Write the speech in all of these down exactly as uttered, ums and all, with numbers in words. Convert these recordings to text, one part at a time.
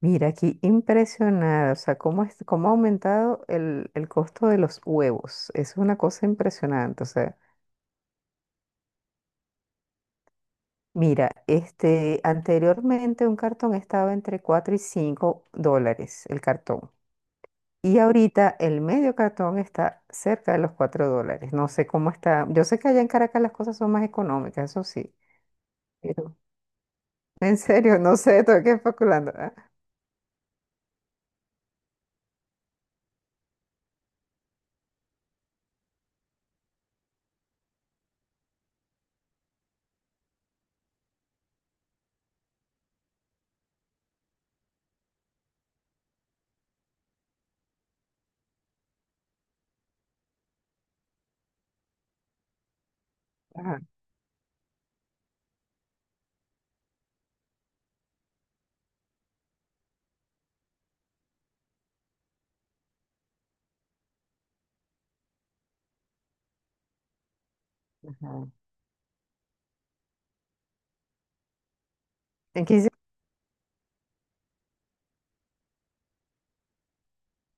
Mira, aquí impresionada, o sea, cómo, es, cómo ha aumentado el, el costo de los huevos. Es una cosa impresionante, o sea, mira, este, anteriormente un cartón estaba entre cuatro y cinco dólares el cartón. Y ahorita el medio cartón está cerca de los cuatro dólares. No sé cómo está. Yo sé que allá en Caracas las cosas son más económicas, eso sí. Pero en serio, no sé, estoy aquí especulando. ¿Ah? Ajá, ajá. En quince.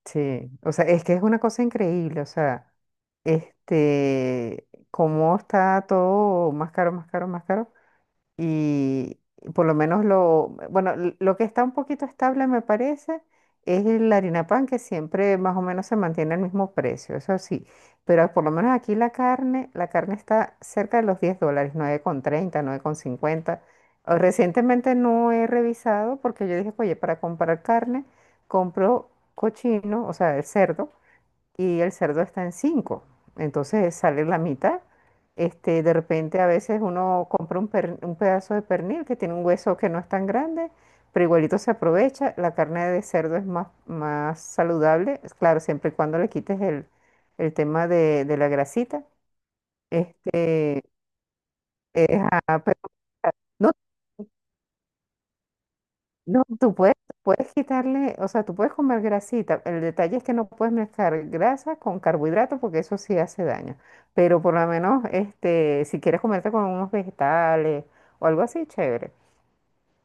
Sí, o sea, es que es una cosa increíble, o sea, este, cómo está todo más caro, más caro, más caro. Y por lo menos lo, bueno, l- lo que está un poquito estable me parece es el harina pan que siempre más o menos se mantiene el mismo precio, eso sí. Pero por lo menos aquí la carne, la carne está cerca de los diez dólares, nueve con treinta, nueve con cincuenta. O- Recientemente no he revisado porque yo dije, oye, para comprar carne compro cochino, o sea, el cerdo, y el cerdo está en cinco. Entonces sale la mitad. Este, de repente a veces uno compra un, per- un pedazo de pernil que tiene un hueso que no es tan grande, pero igualito se aprovecha. La carne de cerdo es más, más saludable, es claro, siempre y cuando le quites el, el tema de, de la grasita. Este, eh, ajá, pero- no, no, tú puedes, puedes quitarle, o sea, tú puedes comer grasita. El detalle es que no puedes mezclar grasa con carbohidratos porque eso sí hace daño. Pero por lo menos, este, si quieres comerte con unos vegetales o algo así, chévere.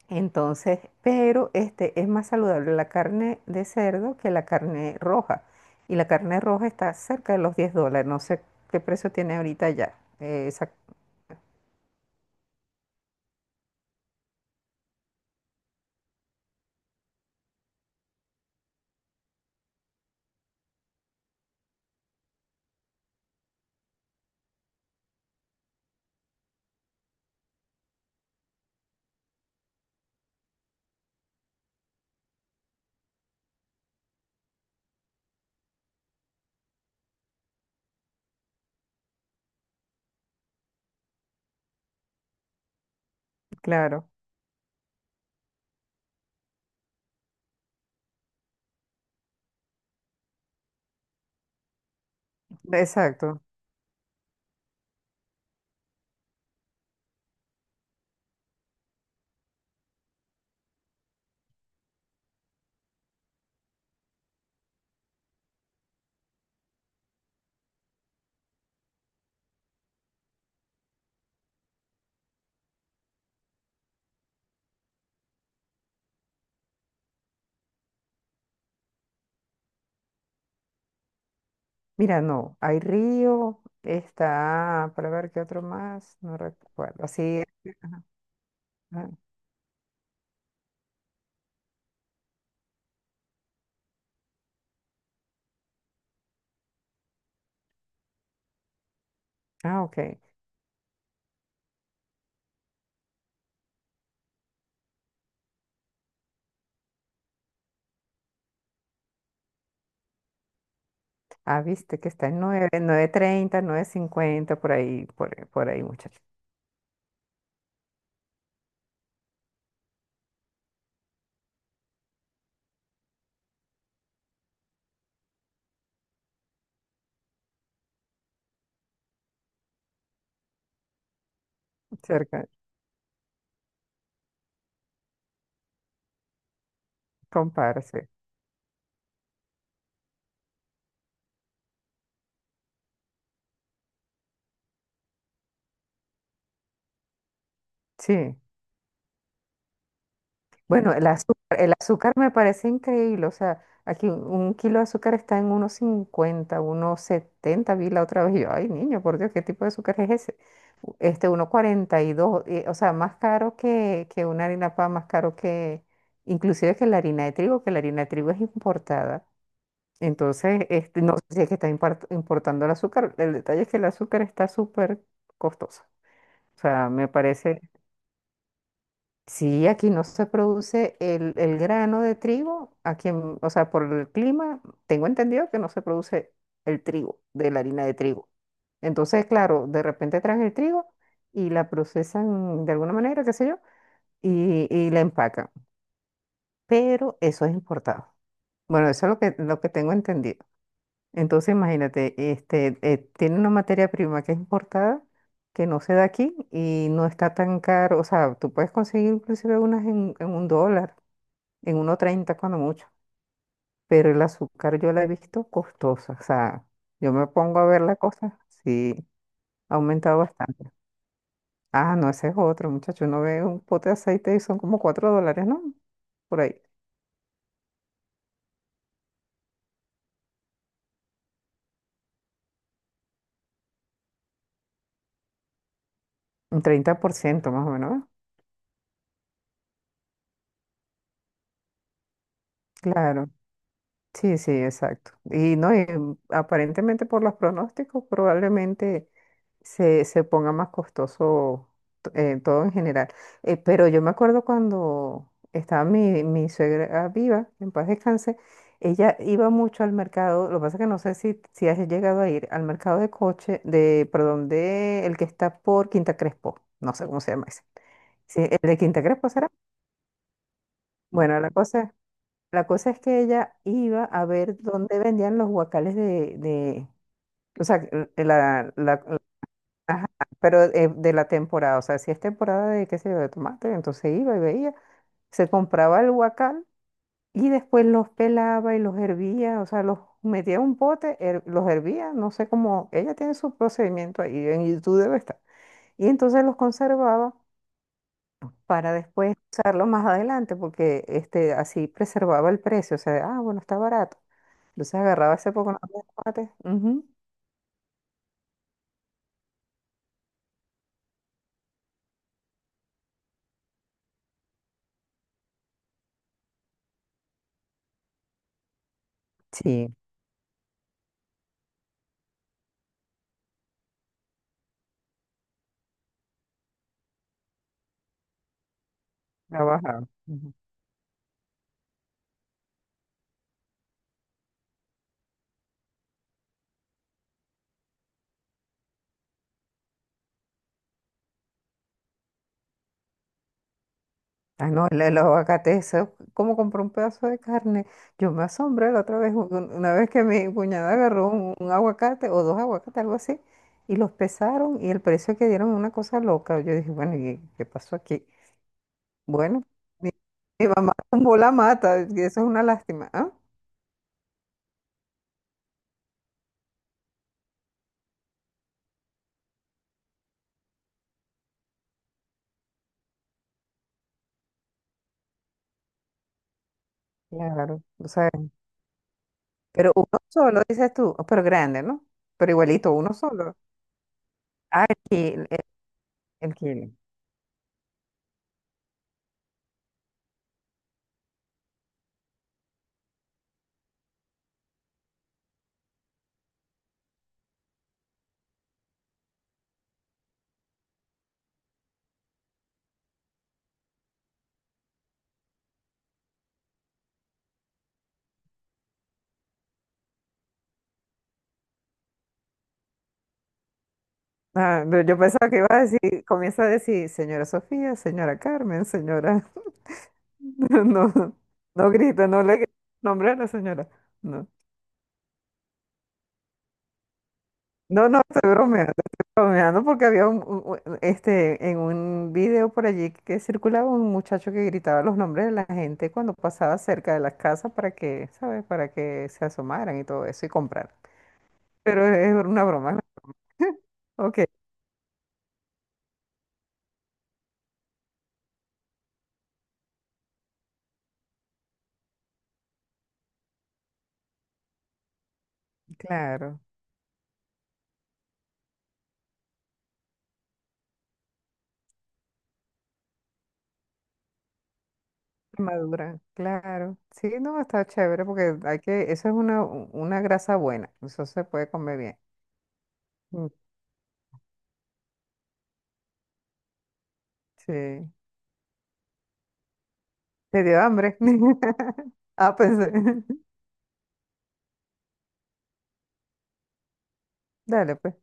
Entonces, pero este es más saludable la carne de cerdo que la carne roja. Y la carne roja está cerca de los diez dólares. No sé qué precio tiene ahorita ya. Eh, esa- claro, exacto. Mira, no, hay río, está, para ver qué otro más, no recuerdo. Así, ah, ah, ok. Ah, viste que está en nueve, nueve treinta, nueve cincuenta por ahí, por, por ahí, muchachos. Cerca, compárese. Sí, bueno, el azúcar, el azúcar me parece increíble. O sea, aquí un un kilo de azúcar está en unos cincuenta, unos setenta. Vi la otra vez. Y yo, ay, niño, por Dios, ¿qué tipo de azúcar es ese? U- Este, uno cuarenta y dos, eh, o sea, más caro que, que una harina pan, más caro que, inclusive que la harina de trigo, que la harina de trigo es importada. Entonces, este, no sé si es que está impar- importando el azúcar. El detalle es que el azúcar está súper costoso. O sea, me parece. Sí, aquí no se produce el, el grano de trigo, aquí, en- o sea, por el clima, tengo entendido que no se produce el trigo, de la harina de trigo. Entonces, claro, de repente traen el trigo y la procesan de alguna manera, qué sé yo, y, y la empacan. Pero eso es importado. Bueno, eso es lo que, lo que tengo entendido. Entonces, imagínate, este, eh, tiene una materia prima que es importada, que no se da aquí y no está tan caro. O sea, tú puedes conseguir inclusive unas en, en un dólar, en uno treinta cuando mucho. Pero el azúcar yo la he visto costosa. O sea, yo me pongo a ver la cosa, sí, ha aumentado bastante. Ah, no, ese es otro, muchacho. Uno ve un pote de aceite y son como cuatro dólares, ¿no? Por ahí. Un treinta por ciento más o menos, ¿eh? Claro. Sí, sí, exacto. Y no, y mm, aparentemente por los pronósticos probablemente se, se ponga más costoso t- eh, todo en general. Eh, pero yo me acuerdo cuando estaba mi, mi suegra viva, en paz descanse, ella iba mucho al mercado, lo que pasa es que no sé si, si has llegado a ir al mercado de coche, de, perdón, de el que está por Quinta Crespo, no sé cómo se llama ese. Sí, el de Quinta Crespo será. Bueno, la cosa la cosa es que ella iba a ver dónde vendían los guacales de, de o sea, l- la, la- la- ajá, pero eh, de la temporada, o sea, si es temporada de, qué sé yo, de tomate, entonces iba y veía, se compraba el guacal y después los pelaba y los hervía, o sea, los metía en un pote, her- los hervía, no sé cómo, ella tiene su procedimiento ahí, en YouTube debe estar, y entonces los conservaba para después usarlo más adelante, porque este, así preservaba el precio, o sea, ah, bueno, está barato. Entonces agarraba ese poco de aguacate. Ujú, sí. La bajaba. Ujú. Ah, no, el, el aguacate, eso, cómo compré un pedazo de carne. Yo me asombré la otra vez, un- una vez que mi cuñada agarró un, un aguacate o dos aguacates, algo así, y los pesaron y el precio que dieron una cosa loca. Yo dije, bueno, ¿y qué pasó aquí? Bueno, mi, mi mamá tumbó la mata, y eso es una lástima. ¿Ah? Claro, o sea, pero uno solo, dices tú, pero grande, ¿no? Pero igualito, uno solo. Aquí el kilo. Ah, pero yo pensaba que iba a decir, comienza a decir, señora Sofía, señora Carmen, señora. No, no grita, no le grita el nombre a la señora. No, no, no, estoy bromeando, estoy bromeando porque había un, un- un- este, en un video por allí que circulaba un muchacho que gritaba los nombres de la gente cuando pasaba cerca de las casas para que, ¿sabes? Para que se asomaran y todo eso y compraran. Pero es una broma. Ok, claro. Armadura, claro. Sí, no, está chévere porque hay que, eso es una, u- una grasa buena, eso se puede comer bien. Mm, sí. ¿Te dio hambre? Ah, pensé. Dale, pues.